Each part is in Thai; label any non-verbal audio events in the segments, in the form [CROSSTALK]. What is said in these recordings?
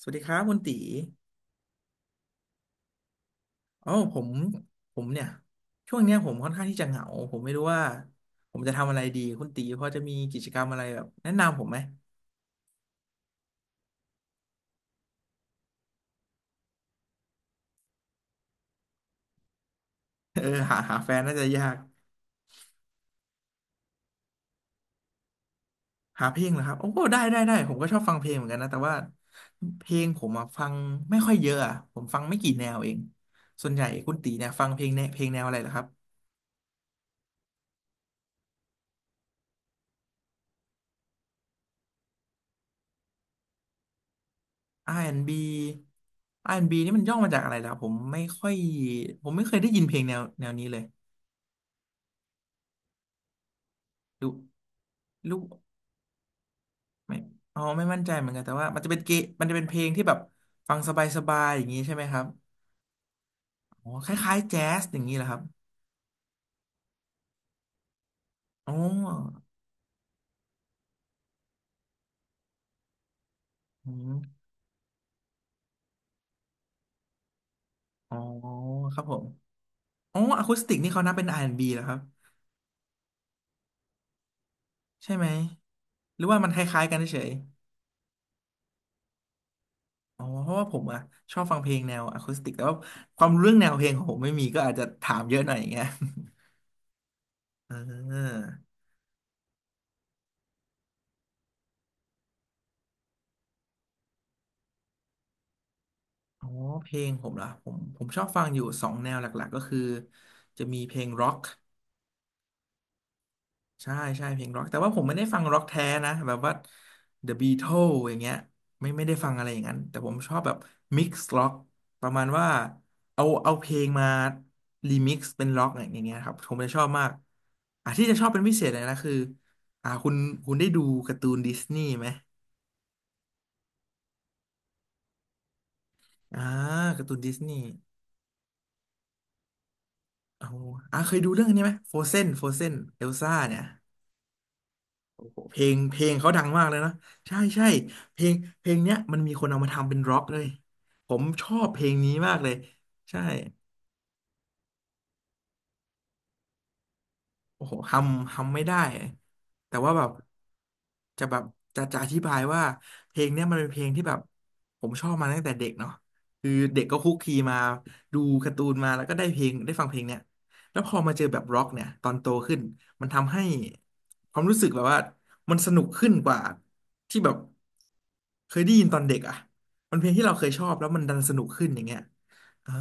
สวัสดีครับคุณตีอ๋อผมเนี่ยช่วงเนี้ยผมค่อนข้างที่จะเหงาผมไม่รู้ว่าผมจะทำอะไรดีคุณตีพอจะมีกิจกรรมอะไรแบบแนะนำผมไหม [LAUGHS] เออหาแฟนน่าจะยากหาเพลงเหรอครับโอ้ได้ได้ได้ผมก็ชอบฟังเพลงเหมือนกันนะแต่ว่าเพลงผมอะฟังไม่ค่อยเยอะอะผมฟังไม่กี่แนวเองส่วนใหญ่คุณตีเนี่ยฟังเพลงแนวเพลงแนวอะไรเหรอครับ R&B R&B นด์บีอาร์แอนด์บีนี่มันย่อมาจากอะไรล่ะผมไม่ค่อยผมไม่เคยได้ยินเพลงแนวนี้เลยดูรู้ ไม่อ๋อไม่มั่นใจเหมือนกันแต่ว่ามันจะเป็นมันจะเป็นเพลงที่แบบฟังสบายๆอย่างนี้ใช่ไหมครับอ๋อคล้ายๆแจ๊สอย่างนี้เหรอครับอ๋ออืมอ๋อครับผมอ๋ออะคูสติกนี่เขานับเป็น R&B เหรอครับใช่ไหมหรือว่ามันคล้ายๆกันเฉยๆอ๋อเพราะว่าผมอะชอบฟังเพลงแนวอะคูสติกแต่ว่าความรู้เรื่องแนวเพลงของผมไม่มีก็อาจจะถามเยอะหน่อยอย่างเงี้ย [LAUGHS] เอออ๋อเพลงผมเหรอผมชอบฟังอยู่สองแนวหลักๆก็คือจะมีเพลงร็อก ใช่ใช่เพลงร็อกแต่ว่าผมไม่ได้ฟังร็อกแท้นะแบบว่า The Beatles อย่างเงี้ยไม่ได้ฟังอะไรอย่างนั้นแต่ผมชอบแบบมิกซ์ร็อกประมาณว่าเอาเพลงมารีมิกซ์เป็นร็อกอย่างเงี้ยครับผมจะชอบมากอ่ะที่จะชอบเป็นพิเศษเลยนะคืออ่าคุณคุณได้ดูการ์ตูนดิสนีย์ไหมอ่าการ์ตูนดิสนีย์โอ้โหเคยดูเรื่องนี้ไหมโฟเซนเอลซ่าเนี่ย โอ้โหเพลงเขาดังมากเลยนะใช่ใช่เพลงเนี้ยมันมีคนเอามาทำเป็นร็อกเลยผมชอบเพลงนี้มากเลยใช่ โอ้โหทำไม่ได้แต่ว่าแบบจะแบบจะอธิบายว่าเพลงเนี้ยมันเป็นเพลงที่แบบผมชอบมาตั้งแต่เด็กเนาะคือเด็กก็คุกคีมาดูการ์ตูนมาแล้วก็ได้เพลงได้ฟังเพลงเนี้ยแล้วพอมาเจอแบบร็อกเนี่ยตอนโตขึ้นมันทำให้ความรู้สึกแบบว่ามันสนุกขึ้นกว่าที่แบบเคยได้ยินตอนเด็กอ่ะมันเพลงที่เราเคยชอบแล้วมันดันสนุกขึ้นอย่างเงี้ยอ่า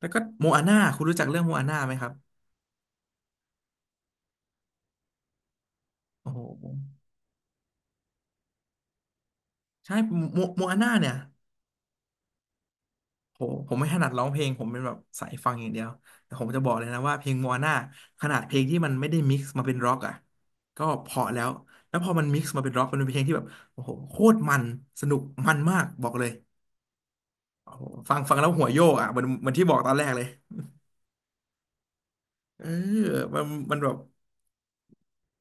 แล้วก็โมอาน่าคุณรู้จักเรื่องโมอาน่าไหมครับโอ้โห ใช่โมอาน่าเนี่ยโหผมไม่ถนัดร้องเพลงผมเป็นแบบสายฟังอย่างเดียวแต่ผมจะบอกเลยนะว่าเพลงโมอาน่าขนาดเพลงที่มันไม่ได้มิกซ์มาเป็นร็อกอ่ะก็เพราะแล้วแล้วพอมันมิกซ์มาเป็นร็อกมันเป็นเพลงที่แบบโอ้โหโคตรมันสนุกมันมากบอกเลยโอ้โหฟังฟังแล้วหัวโยกอ่ะเหมันที่บอกตอนแรกเลยเออมันมันแบบ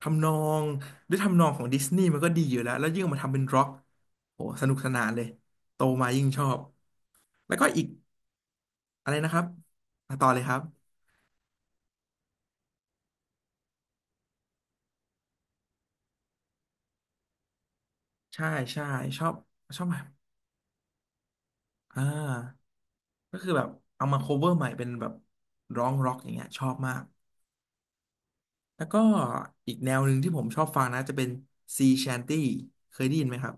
ทำนองด้วยทำนองของดิสนีย์มันก็ดีอยู่แล้วแล้วยิ่งมาทำเป็นร็อกโหสนุกสนานเลยโตมายิ่งชอบแล้วก็อีกอะไรนะครับมาต่อเลยครับ ใช่ใช่ชอบชอบแบบอ่าก็คือแบบเอามา cover ใหม่เป็นแบบร้องร็อกอย่างเงี้ยชอบมากแล้วก็อีกแนวหนึ่งที่ผมชอบฟังนะจะเป็น Sea Shanty เคยได้ยินไหมครับ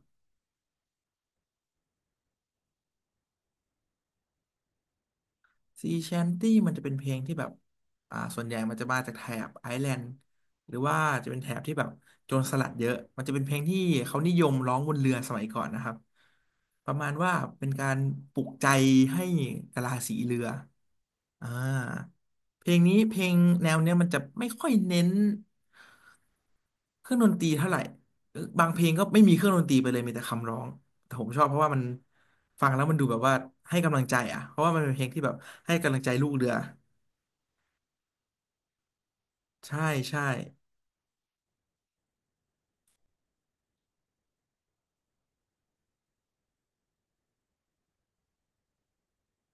Sea Shanty มันจะเป็นเพลงที่แบบส่วนใหญ่มันจะมาจากแถบไอร์แลนด์หรือว่าจะเป็นแถบที่แบบโจรสลัดเยอะมันจะเป็นเพลงที่เขานิยมร้องบนเรือสมัยก่อนนะครับประมาณว่าเป็นการปลุกใจให้กะลาสีเรือ อ่าเพลงนี้เพลงแนวเนี้ยมันจะไม่ค่อยเน้นเครื่องดนตรีเท่าไหร่เออบางเพลงก็ไม่มีเครื่องดนตรีไปเลยมีแต่คำร้องแต่ผมชอบเพราะว่ามันฟังแล้วมันดูแบบว่าให้กำลังใจอ่ะเพราะว่ามันเป็นเพลงที่แบบให้กำลังใจลูกเรือใช่ใช่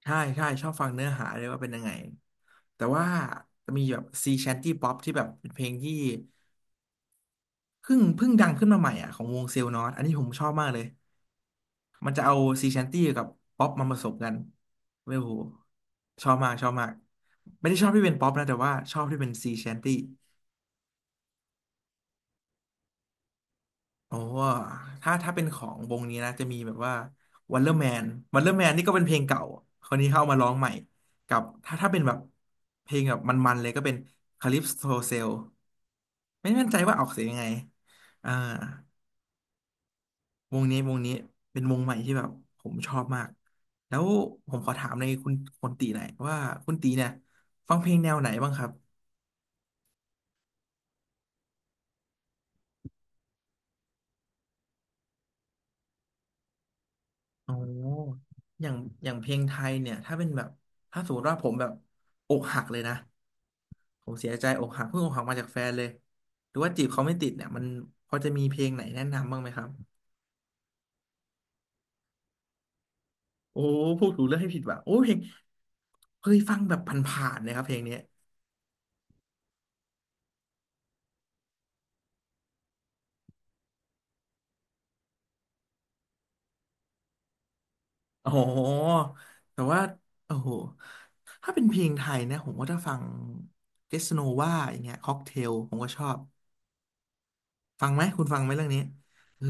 ใช่ใช่ชอบฟังเนื้อหาเลยว่าเป็นยังไงแต่ว่าจะมีแบบซีแชนตี้ป๊อปที่แบบเป็นเพลงที่เพิ่งดังขึ้นมาใหม่อ่ะของวงเซลล์นอตอันนี้ผมชอบมากเลย มันจะเอาซีแชนตี้กับป๊อปมาผสมกันเว้ยโหชอบมากชอบมากไม่ได้ชอบที่เป็นป๊อปนะแต่ว่าชอบที่เป็นซีแชนตี้โอ้ถ้าเป็นของวงนี้นะจะมีแบบว่าวันเลอร์แมนวันเลอร์แมนนี่ก็เป็นเพลงเก่าคนนี้เข้าเอามาร้องใหม่กับถ้าเป็นแบบเพลงแบบมันๆเลยก็เป็นคาลิปโซเซลไม่แน่นใจว่าออกเสียงยังไงอ่า วงนี้เป็นวงใหม่ที่แบบผมชอบมากแล้วผมขอถามในคุณคุณตีหน่อยว่าคุณตีเนี่ยฟังเพลงแนวไหนบ้างครับโอ้อย่างอย่างเพลงไทยเนี่ยถ้าเป็นแบบถ้าสมมติว่าผมแบบอกหักเลยนะผมเสียใจอกหักเพิ่งอกหักมาจากแฟนเลยหรือว่าจีบเขาไม่ติดเนี่ยมันพอจะมีเพลงไหนแนะนำบ้างไหมครับโอ้พูดถูกเรื่องให้ผิดว่ะโอ้เพลงเคยฟังแบบผ่านๆนะครับเพลงเนี้ย โอ้โหแต่ว่าโอ้โหถ้าเป็นเพลงไทยนะผมก็จะฟังเกสโนวาอย่างเงี้ยค็อกเทลผมก็ชอบ ฟังไหม คุณฟังไหมเรื่องนี้เออ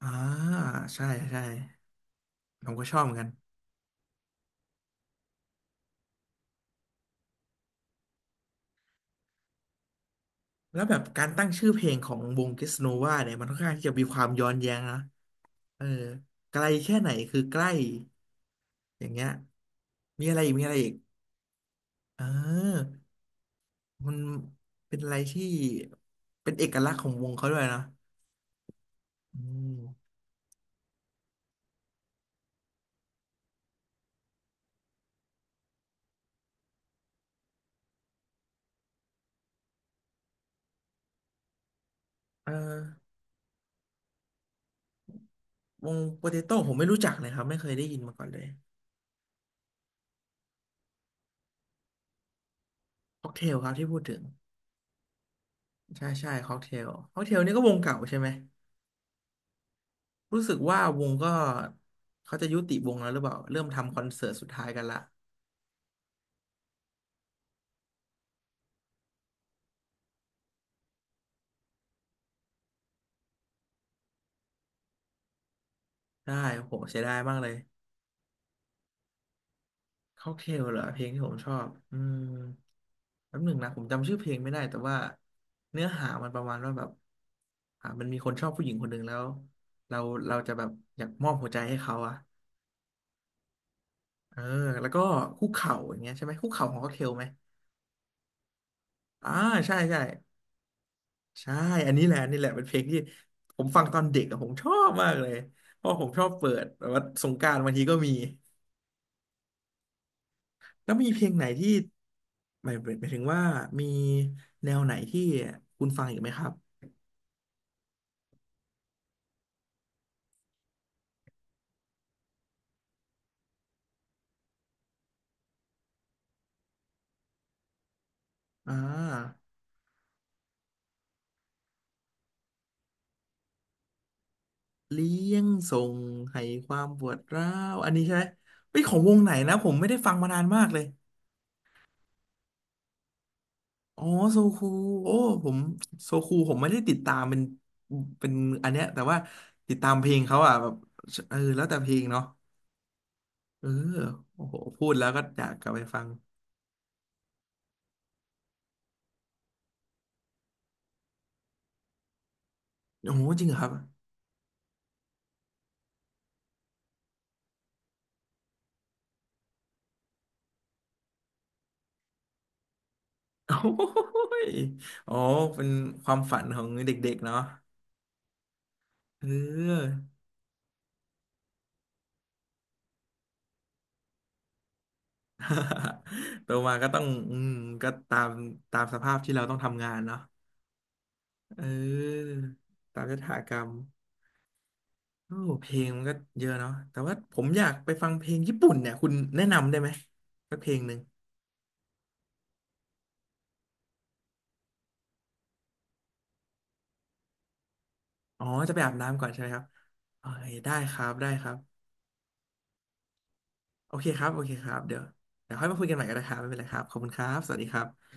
อ่า ใช่ใช่ผมก็ชอบเหมือนกัน แล้วแบบการตั้งชื่อเพลงของวงเกสโนวาเนี่ยมันค่อนข้างที่จะมีความย้อนแย้งนะเออไกลแค่ไหนคือใกล้ อย่างเงี้ยมีอะไรอีกมีอะไรอีกเออมันเป็นอะไรที่ เป็นเอกลักษณ์ของวงเขาด้วยนะอืม เอ่อวงโปเตโต้ผมไม่รู้จักเลยครับไม่เคยได้ยินมาก่อนเลยค็อกเทลครับที่พูดถึงใช่ใช่ค็อกเทลค็อกเทลนี่ก็วงเก่าใช่ไหมรู้สึกว่าวงก็เขาจะยุติวงแล้วหรือเปล่าเริ่มทำคอนเสิร์ตสุดท้ายกันละได้โหเสียดายมากเลยค็อกเทลเหรอเพลงที่ผมชอบอืมแป๊บหนึ่งนะผมจำชื่อเพลงไม่ได้แต่ว่าเนื้อหามันประมาณว่าแบบมันมีคนชอบผู้หญิงคนหนึ่งแล้วเราเราจะแบบอยากมอบหัวใจให้เขาอะ เออแล้วก็คุกเข่าอย่างเงี้ยใช่ไหมคุกเข่าของค็อกเทลไหมอ่าใช่ใช่ใช่อันนี้แหละอันนี่แหละเป็นเพลงที่ผมฟังตอนเด็กอะผมชอบมากเลยเพราะผมชอบเปิดแบบว่าสงกรานต์บางทีก็มีแล้วมีเพลงไหนที่หมายหมายถึงว่ามีแนวไหนที่คุณฟังอีกไหมครับอ่าเลี้ยงส่งให้ความปวดร้าวอันนี้ใช่ไหมเฮ้ยของวงไหนนะผมไม่ได้ฟังมานานมากเลย อ๋อโซคูโอ้ผมโซคูผมไม่ได้ติดตามเป็นเป็นอันเนี้ยแต่ว่าติดตามเพลงเขาอ่ะแบบเออแล้วแต่เพลงเนาะเออโอ้โหพูดแล้วก็อยากกลับไปฟังโอ้โหจริงเหรอครับ [LAUGHS] โอ้ยโอเป็นความฝันของเด็กๆเนาะเออ [LAUGHS] โตมาก็ต้องอืมก็ตามตามสภาพที่เราต้องทำงานเนาะเออตามยถากรรม โอ้เพลงมันก็เยอะเนาะแต่ว่าผมอยากไปฟังเพลงญี่ปุ่นเนี่ย คุณแนะนำได้ไหมสักเพลงหนึ่งอ๋อจะไปอาบน้ำก่อนใช่ไหมครับโอเคได้ครับ ได้ครับ โอเคครับโอเคครับเดี๋ยวค่อยมาคุยกันใหม่ก็ได้ครับไม่เป็นไรครับขอบคุณครับ สวัสดีครับ